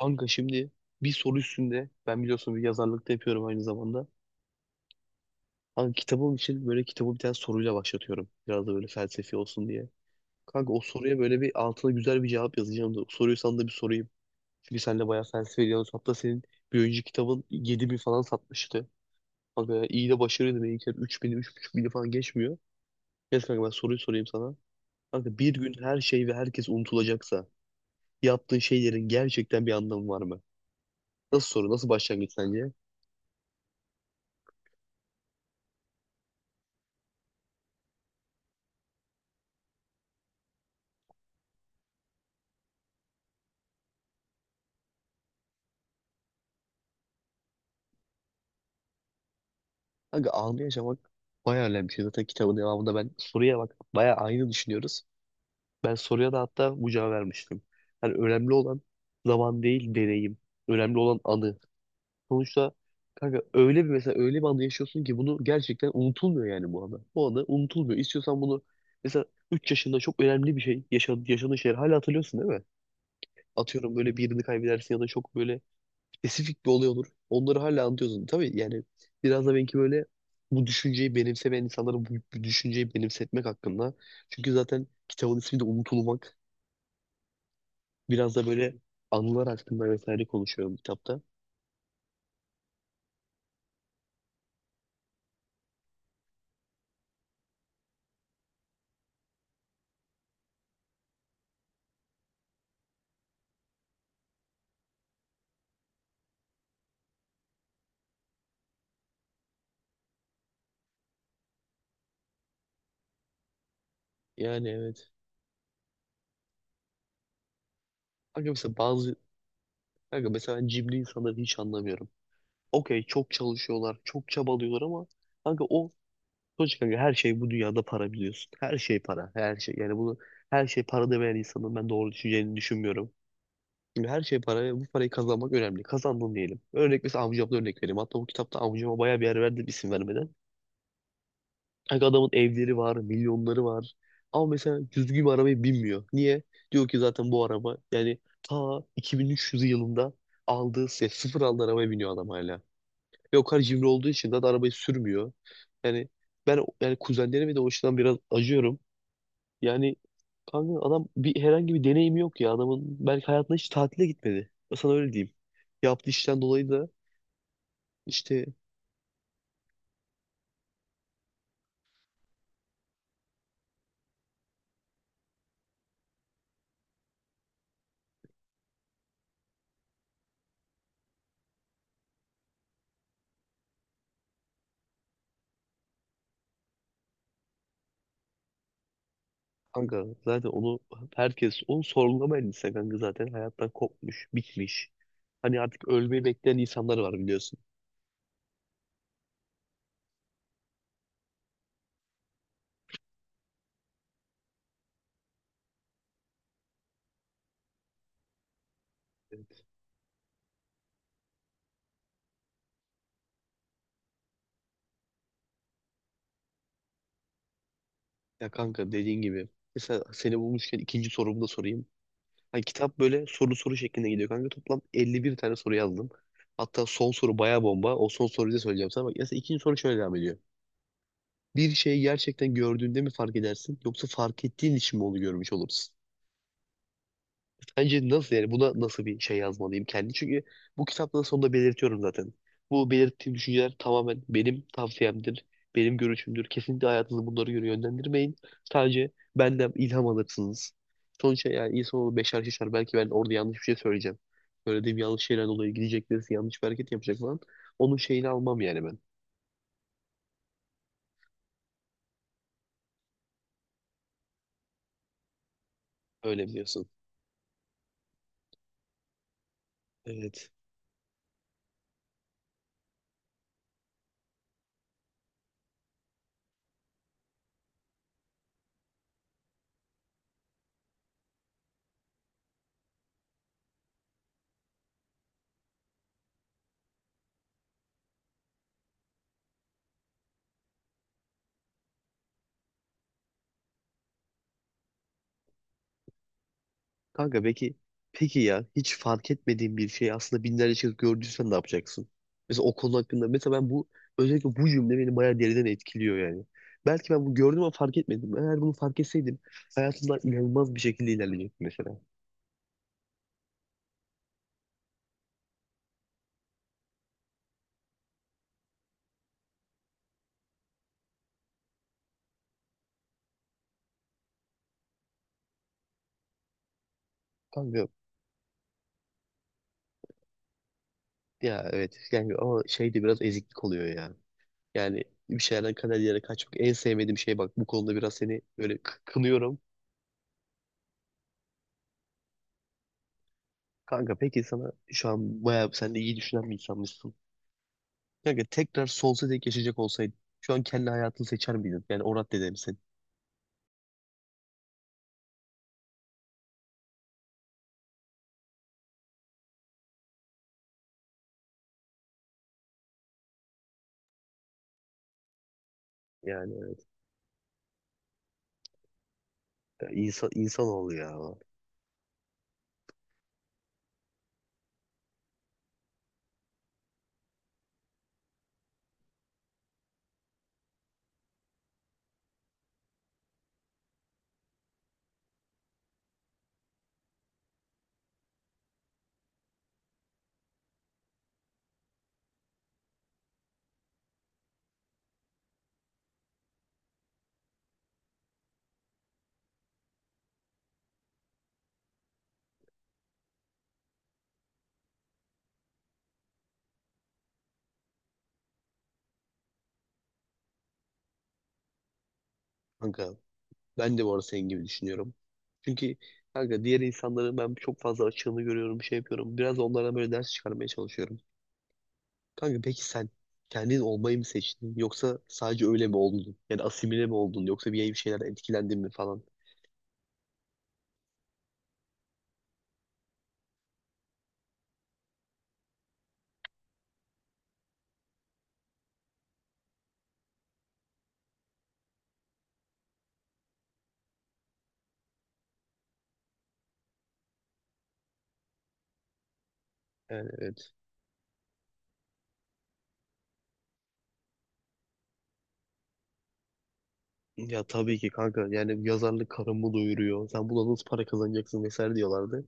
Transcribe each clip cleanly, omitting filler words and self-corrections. Kanka şimdi bir soru üstünde ben biliyorsun bir yazarlık da yapıyorum aynı zamanda. Kanka kitabım için böyle kitabı bir tane soruyla başlatıyorum. Biraz da böyle felsefi olsun diye. Kanka o soruya böyle bir altına güzel bir cevap yazacağım da soruyu sana da bir sorayım. Çünkü sen de bayağı felsefe ediyorsun. Hatta senin bir önceki kitabın 7.000 falan satmıştı. Kanka ya iyi de başarıydı. Benimkiler 3000'i 3500'i falan geçmiyor. Neyse kanka ben soruyu sorayım sana. Kanka bir gün her şey ve herkes unutulacaksa yaptığın şeylerin gerçekten bir anlamı var mı? Nasıl soru? Nasıl başlangıç sence? Kanka anı yaşamak bayağı önemli bir şey. Zaten kitabın devamında ben soruya bak bayağı aynı düşünüyoruz. Ben soruya da hatta bu cevabı vermiştim. Yani önemli olan zaman değil deneyim. Önemli olan anı. Sonuçta kanka öyle bir mesela öyle bir anda yaşıyorsun ki bunu gerçekten unutulmuyor yani bu anı. Bu anı unutulmuyor. İstiyorsan bunu mesela 3 yaşında çok önemli bir şey yaşadığın şeyleri hala hatırlıyorsun değil mi? Atıyorum böyle birini kaybedersin ya da çok böyle spesifik bir olay olur. Onları hala anlatıyorsun. Tabii yani biraz da belki böyle bu düşünceyi benimsemeyen insanlara bu düşünceyi benimsetmek hakkında. Çünkü zaten kitabın ismi de unutulmak. Biraz da böyle anılar hakkında vesaire konuşuyorum kitapta. Yani evet. Kanka mesela bazı Kanka mesela cimri insanları hiç anlamıyorum. Okey çok çalışıyorlar, çok çabalıyorlar ama kanka sonuçta kanka her şey bu dünyada para biliyorsun. Her şey para, her şey. Yani her şey para demeyen insanın ben doğru düşüneceğini düşünmüyorum. Şimdi her şey para ve bu parayı kazanmak önemli. Kazandın diyelim. Mesela amcamdan örnek vereyim. Hatta bu kitapta amcama bayağı bir yer verdim isim vermeden. Kanka adamın evleri var, milyonları var. Ama mesela düzgün bir arabayı binmiyor. Niye? Diyor ki zaten bu araba yani ta 2300 yılında aldığı sıfır aldığı arabaya biniyor adam hala. Ve o kadar cimri olduğu için zaten arabayı sürmüyor. Yani ben yani kuzenlerime de o açıdan biraz acıyorum. Yani kanka adam herhangi bir deneyim yok ya adamın. Belki hayatında hiç tatile gitmedi. Ben sana öyle diyeyim. Yaptığı işten dolayı da işte kanka zaten herkes onu sorgulamayan insan kanka zaten hayattan kopmuş, bitmiş. Hani artık ölmeyi bekleyen insanlar var biliyorsun. Evet. Ya kanka dediğin gibi mesela seni bulmuşken ikinci sorumu da sorayım. Hani kitap böyle soru soru şeklinde gidiyor kanka. Toplam 51 tane soru yazdım. Hatta son soru baya bomba. O son soruyu da söyleyeceğim sana. Bak mesela ikinci soru şöyle devam ediyor. Bir şeyi gerçekten gördüğünde mi fark edersin yoksa fark ettiğin için mi onu görmüş olursun? Bence nasıl yani buna nasıl bir şey yazmalıyım kendi? Çünkü bu kitaptan sonunda belirtiyorum zaten. Bu belirttiğim düşünceler tamamen benim tavsiyemdir, benim görüşümdür. Kesinlikle hayatınızı bunlara göre yönlendirmeyin. Sadece benden ilham alırsınız. Sonuçta yani insanoğlu beşer şişer. Belki ben orada yanlış bir şey söyleyeceğim. Söylediğim yanlış şeyler dolayı gidecek birisi yanlış bir hareket yapacak falan. Onun şeyini almam yani ben. Öyle biliyorsun. Evet. Kanka peki ya hiç fark etmediğin bir şeyi aslında binlerce kez gördüysen ne yapacaksın? Mesela o konu hakkında mesela ben özellikle bu cümle beni bayağı deriden etkiliyor yani. Belki ben bunu gördüm ama fark etmedim. Eğer bunu fark etseydim hayatımda inanılmaz bir şekilde ilerleyecektim mesela. Kanka ya evet yani ama şey de biraz eziklik oluyor ya. Yani bir şeylerden kader yere kaçmak en sevmediğim şey bak bu konuda biraz seni böyle kınıyorum. Kanka peki sana şu an bayağı sen de iyi düşünen bir insanmışsın. Kanka tekrar sol tek yaşayacak olsaydın şu an kendi hayatını seçer miydin? Yani o raddede misin? Yani evet ya, insanoğlu ya. Kanka ben de bu arada senin gibi düşünüyorum. Çünkü kanka diğer insanların ben çok fazla açığını görüyorum, şey yapıyorum. Biraz da onlardan böyle ders çıkarmaya çalışıyorum. Kanka peki sen kendin olmayı mı seçtin? Yoksa sadece öyle mi oldun? Yani asimile mi oldun? Yoksa bir şeylerden etkilendin mi falan? Yani evet. Ya tabii ki kanka yani yazarlık karımı doyuruyor. Sen buna nasıl para kazanacaksın vesaire diyorlardı.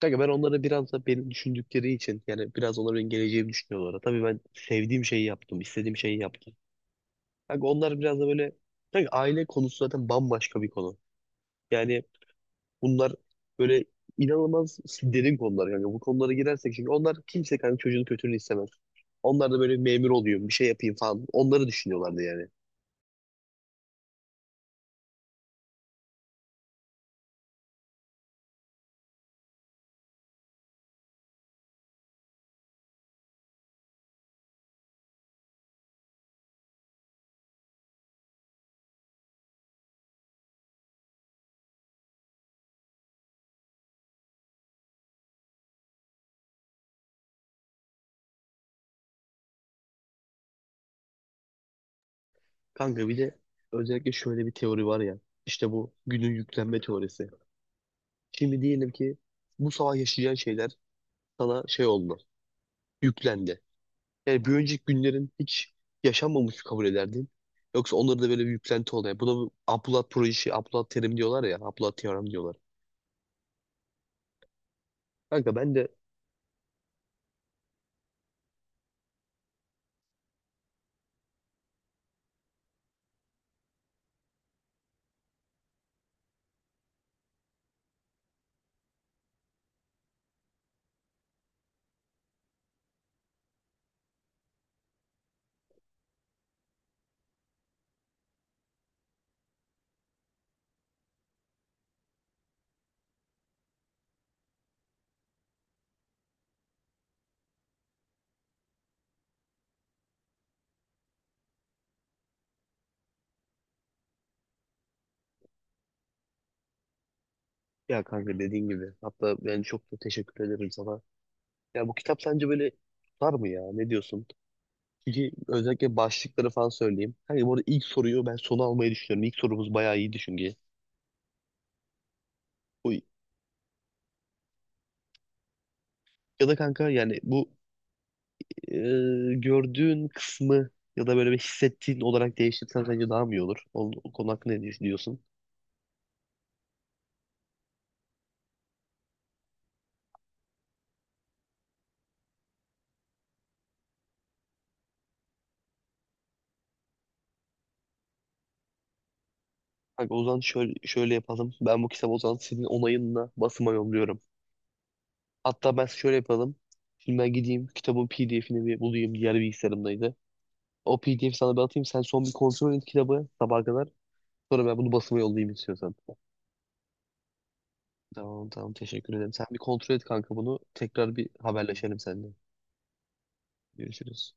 Kanka ben onları biraz da beni düşündükleri için yani biraz onların benim geleceğimi düşünüyorlar. Tabii ben sevdiğim şeyi yaptım, istediğim şeyi yaptım. Kanka onlar biraz da böyle kanka aile konusu zaten bambaşka bir konu. Yani bunlar böyle inanılmaz derin konular kanka. Bu konulara girersek çünkü onlar kimse kanka çocuğun kötülüğünü istemez. Onlar da böyle memur oluyor, bir şey yapayım falan. Onları düşünüyorlardı yani. Kanka bir de özellikle şöyle bir teori var ya. İşte bu günün yüklenme teorisi. Şimdi diyelim ki bu sabah yaşayacağın şeyler sana şey oldu, yüklendi. Yani bir önceki günlerin hiç yaşanmamış kabul ederdin? Yoksa onları da böyle bir yüklenti oluyor. Buna Abdullah projesi, Abdullah terim diyorlar ya, Abdullah teorem diyorlar. Kanka ben de ya kanka dediğin gibi. Hatta ben çok da teşekkür ederim sana. Ya bu kitap sence böyle tutar mı ya? Ne diyorsun? Çünkü özellikle başlıkları falan söyleyeyim. Kanka bu arada ilk soruyu ben sona almayı düşünüyorum. İlk sorumuz bayağı iyiydi çünkü. Bu, ya da kanka yani e, gördüğün kısmı ya da böyle bir hissettiğin olarak değiştirsen sence daha mı iyi olur? O konu hakkında ne düşünüyorsun? Kanka o zaman şöyle yapalım. Ben bu kitabı o zaman senin onayınla basıma yolluyorum. Hatta ben şöyle yapalım. Şimdi ben gideyim kitabın PDF'ini bir bulayım. Diğer bilgisayarımdaydı. O PDF sana bir atayım. Sen son bir kontrol et kitabı sabaha kadar. Sonra ben bunu basıma yollayayım istiyorsan. Tamam, tamam, teşekkür ederim. Sen bir kontrol et kanka bunu. Tekrar bir haberleşelim seninle. Görüşürüz.